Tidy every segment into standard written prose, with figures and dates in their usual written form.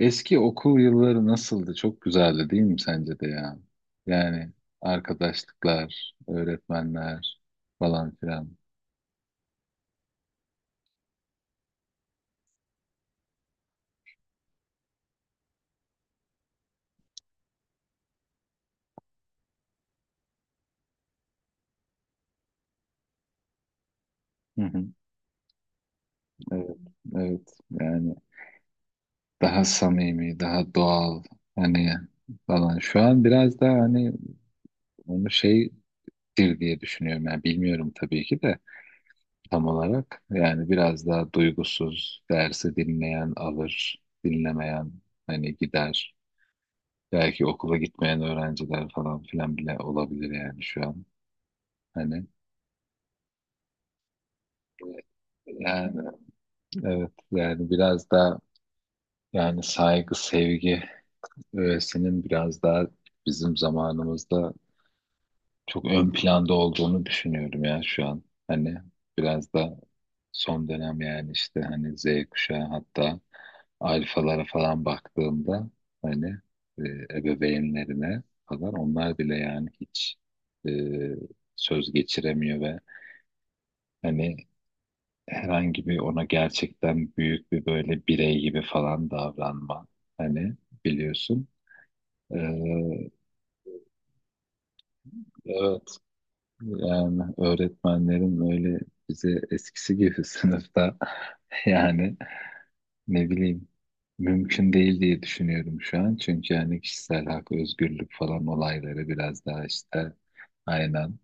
Eski okul yılları nasıldı? Çok güzeldi değil mi sence de ya? Yani arkadaşlıklar, öğretmenler falan filan. Hı hı. Evet, evet. Yani daha samimi, daha doğal hani falan. Şu an biraz daha hani onu şeydir diye düşünüyorum. Yani bilmiyorum tabii ki de tam olarak. Yani biraz daha duygusuz, dersi dinleyen alır, dinlemeyen hani gider. Belki okula gitmeyen öğrenciler falan filan bile olabilir yani şu an. Hani yani evet yani biraz daha yani saygı, sevgi öğesinin biraz daha bizim zamanımızda çok ön planda olduğunu düşünüyorum ya şu an. Hani biraz da son dönem yani işte hani Z kuşağı hatta alfalara falan baktığımda hani e, ebeveynlerine falan onlar bile yani hiç e, söz geçiremiyor ve hani herhangi bir ona gerçekten büyük bir böyle birey gibi falan davranma hani biliyorsun. E, evet, yani öğretmenlerin öyle bize eskisi gibi sınıfta yani ne bileyim mümkün değil diye düşünüyorum şu an. Çünkü yani kişisel hak, özgürlük falan olayları biraz daha işte aynen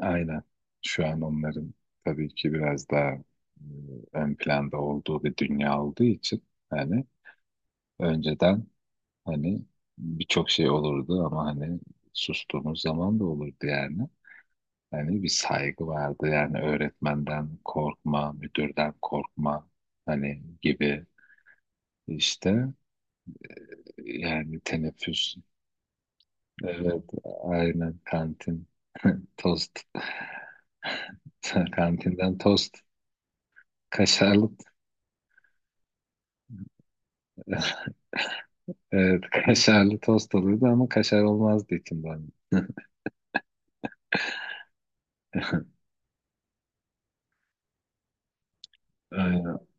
aynen şu an onların tabii ki biraz daha e, ön planda olduğu bir dünya olduğu için hani önceden hani birçok şey olurdu ama hani sustuğumuz zaman da olurdu yani. Hani bir saygı vardı yani öğretmenden korkma, müdürden korkma hani gibi işte yani teneffüs evet aynen kantin tost kantinden tost kaşarlı evet kaşarlı tost oluyordu ama kaşar olmazdı içinde hani. Ee,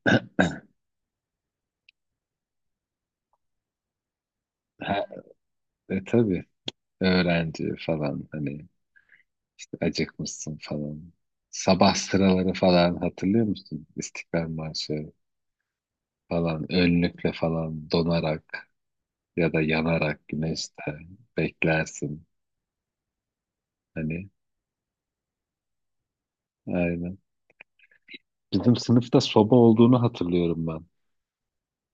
ha, tabii öğrenci falan hani işte acıkmışsın falan sabah sıraları falan hatırlıyor musun İstiklal Marşı falan önlükle falan donarak ya da yanarak güneşte beklersin. Hani aynen. Bizim sınıfta soba olduğunu hatırlıyorum ben.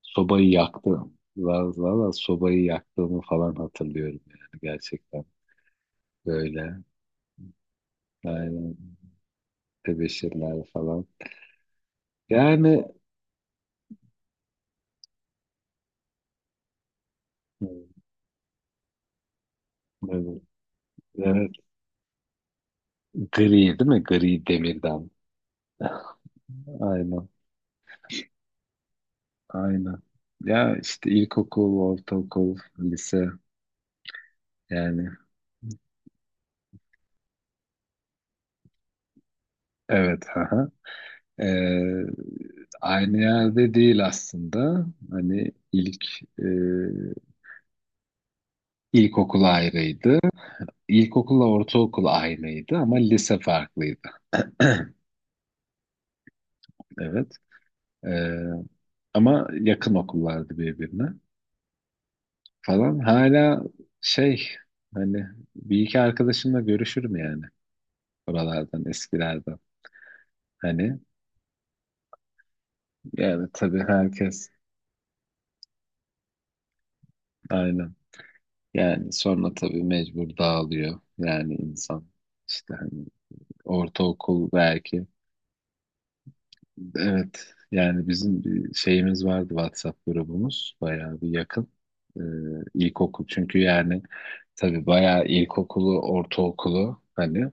Sobayı yaktım. Valla valla sobayı yaktığımı falan hatırlıyorum yani gerçekten. Böyle. Aynen. Tebeşirler falan. Yani evet, evet. Gri değil mi? Gri demirden. Aynen. Aynen. Ya işte ilkokul, ortaokul, lise yani. Evet. Aha. Ee, aynı yerde değil aslında. Hani ilk e, ilkokul ayrıydı. İlkokulla ortaokul aynıydı ama lise farklıydı. Evet. Ee, ama yakın okullardı birbirine falan. Hala şey hani bir iki arkadaşımla görüşürüm yani oralardan eskilerden. Hani yani tabii herkes aynen. Yani sonra tabii mecbur dağılıyor. Yani insan işte hani ortaokul belki. Evet, yani bizim bir şeyimiz vardı WhatsApp grubumuz. Bayağı bir yakın. Ee, ilkokul çünkü yani tabii bayağı ilkokulu, ortaokulu hani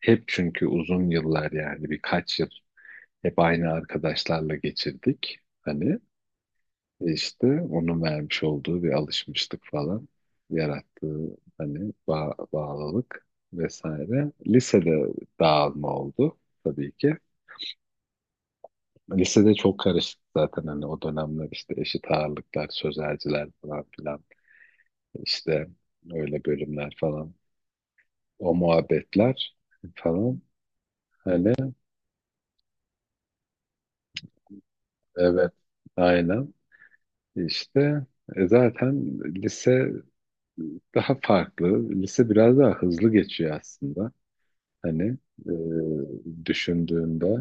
hep çünkü uzun yıllar yani birkaç yıl hep aynı arkadaşlarla geçirdik. Hani işte onun vermiş olduğu bir alışmışlık falan yarattığı hani bağlılık vesaire. Lisede dağılma oldu tabii ki. Lisede çok karışık zaten hani o dönemler işte eşit ağırlıklar, sözelciler falan filan işte öyle bölümler falan o muhabbetler falan hani evet aynen işte zaten lise daha farklı lise biraz daha hızlı geçiyor aslında hani düşündüğünde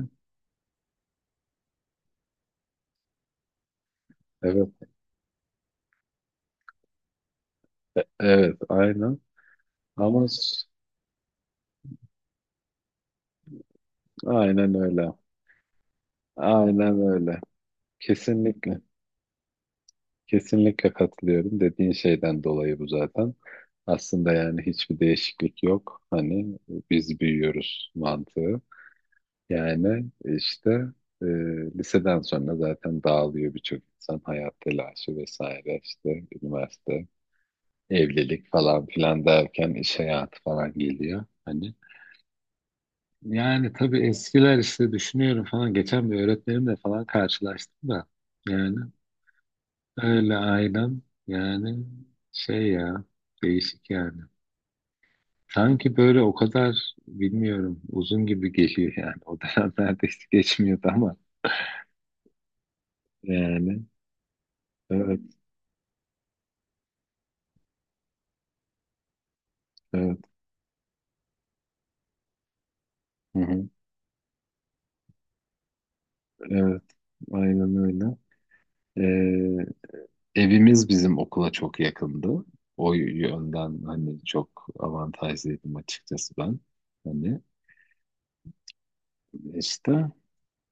evet evet aynen ama aynen öyle aynen öyle kesinlikle kesinlikle katılıyorum. Dediğin şeyden dolayı bu zaten. Aslında yani hiçbir değişiklik yok. Hani biz büyüyoruz mantığı. Yani işte e, liseden sonra zaten dağılıyor birçok insan. Hayat telaşı vesaire işte üniversite, evlilik falan filan derken iş hayatı falan geliyor. Hani yani tabii eskiler işte düşünüyorum falan. Geçen bir öğretmenimle falan karşılaştım da. Yani öyle ailem yani şey ya değişik yani. Sanki böyle o kadar bilmiyorum uzun gibi geliyor yani. O dönem neredeyse geçmiyordu ama yani evet evet hı hı, evet aynen öyle. Ee, evimiz bizim okula çok yakındı. O yönden hani çok avantajlıydım açıkçası ben. Hani işte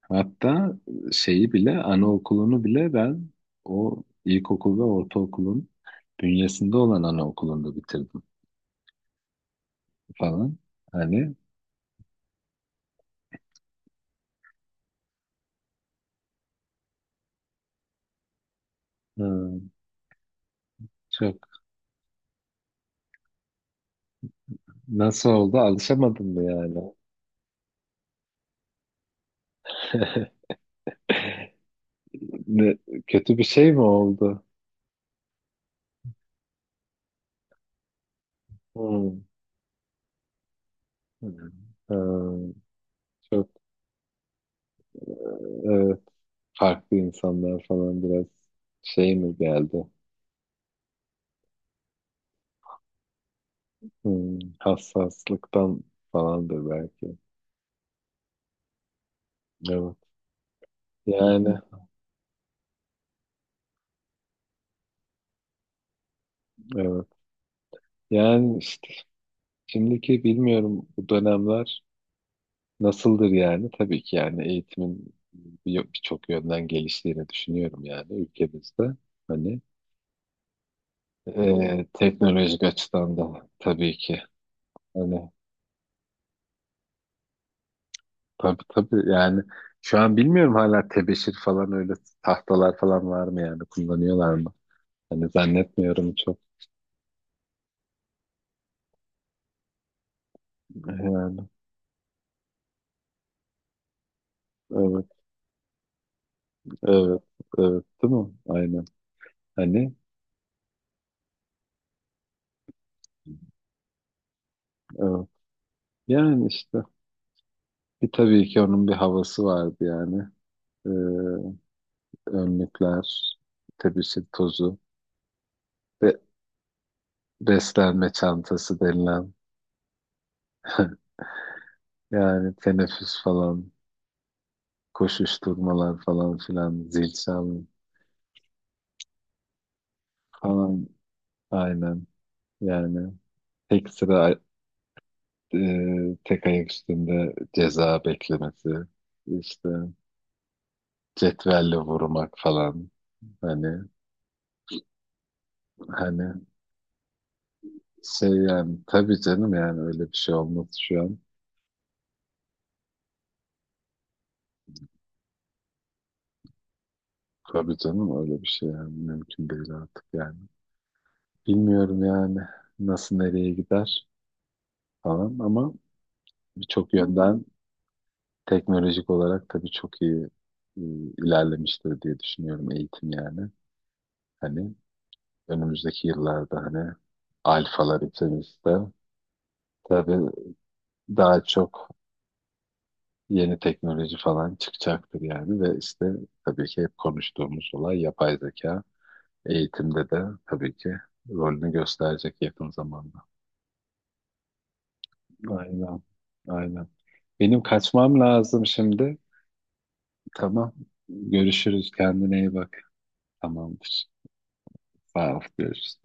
hatta şeyi bile, anaokulunu bile ben o ilkokul ve ortaokulun bünyesinde olan anaokulunda bitirdim falan. Hani hı, çok nasıl oldu alışamadın mı yani? Ne, kötü bir şey mi oldu? Hı. Hı. Hı. Çok evet, farklı insanlar falan biraz şey mi geldi? Hı, hassaslıktan falandır belki. Evet. Yani evet. Yani işte şimdiki bilmiyorum bu dönemler nasıldır yani. Tabii ki yani eğitimin birçok yönden geliştiğini düşünüyorum yani ülkemizde. Hani teknolojik açıdan da tabii ki. Hani tabii tabii yani şu an bilmiyorum hala tebeşir falan öyle tahtalar falan var mı yani kullanıyorlar mı? Hani zannetmiyorum çok. Yani evet evet evet değil mi? Aynen. Hani evet. Yani işte bir tabii ki onun bir havası vardı yani. e, önlükler, tebeşir tozu ve beslenme çantası denilen yani teneffüs falan, koşuşturmalar falan filan, zil çalma falan aynen yani tek sıra tek ayak üstünde ceza beklemesi işte cetvelle vurmak falan hani hani şey yani tabii canım yani öyle bir şey olmaz şu an. Tabii canım öyle bir şey yani mümkün değil artık yani. Bilmiyorum yani nasıl nereye gider falan ama birçok yönden teknolojik olarak tabii çok iyi e, ilerlemiştir diye düşünüyorum eğitim yani. Hani önümüzdeki yıllarda hani alfalar içerisinde tabii daha çok yeni teknoloji falan çıkacaktır yani ve işte tabii ki hep konuştuğumuz olay yapay zeka eğitimde de tabii ki rolünü gösterecek yakın zamanda. Aynen. Aynen. Benim kaçmam lazım şimdi. Tamam. Görüşürüz. Kendine iyi bak. Tamamdır. Sağ ol. Görüşürüz.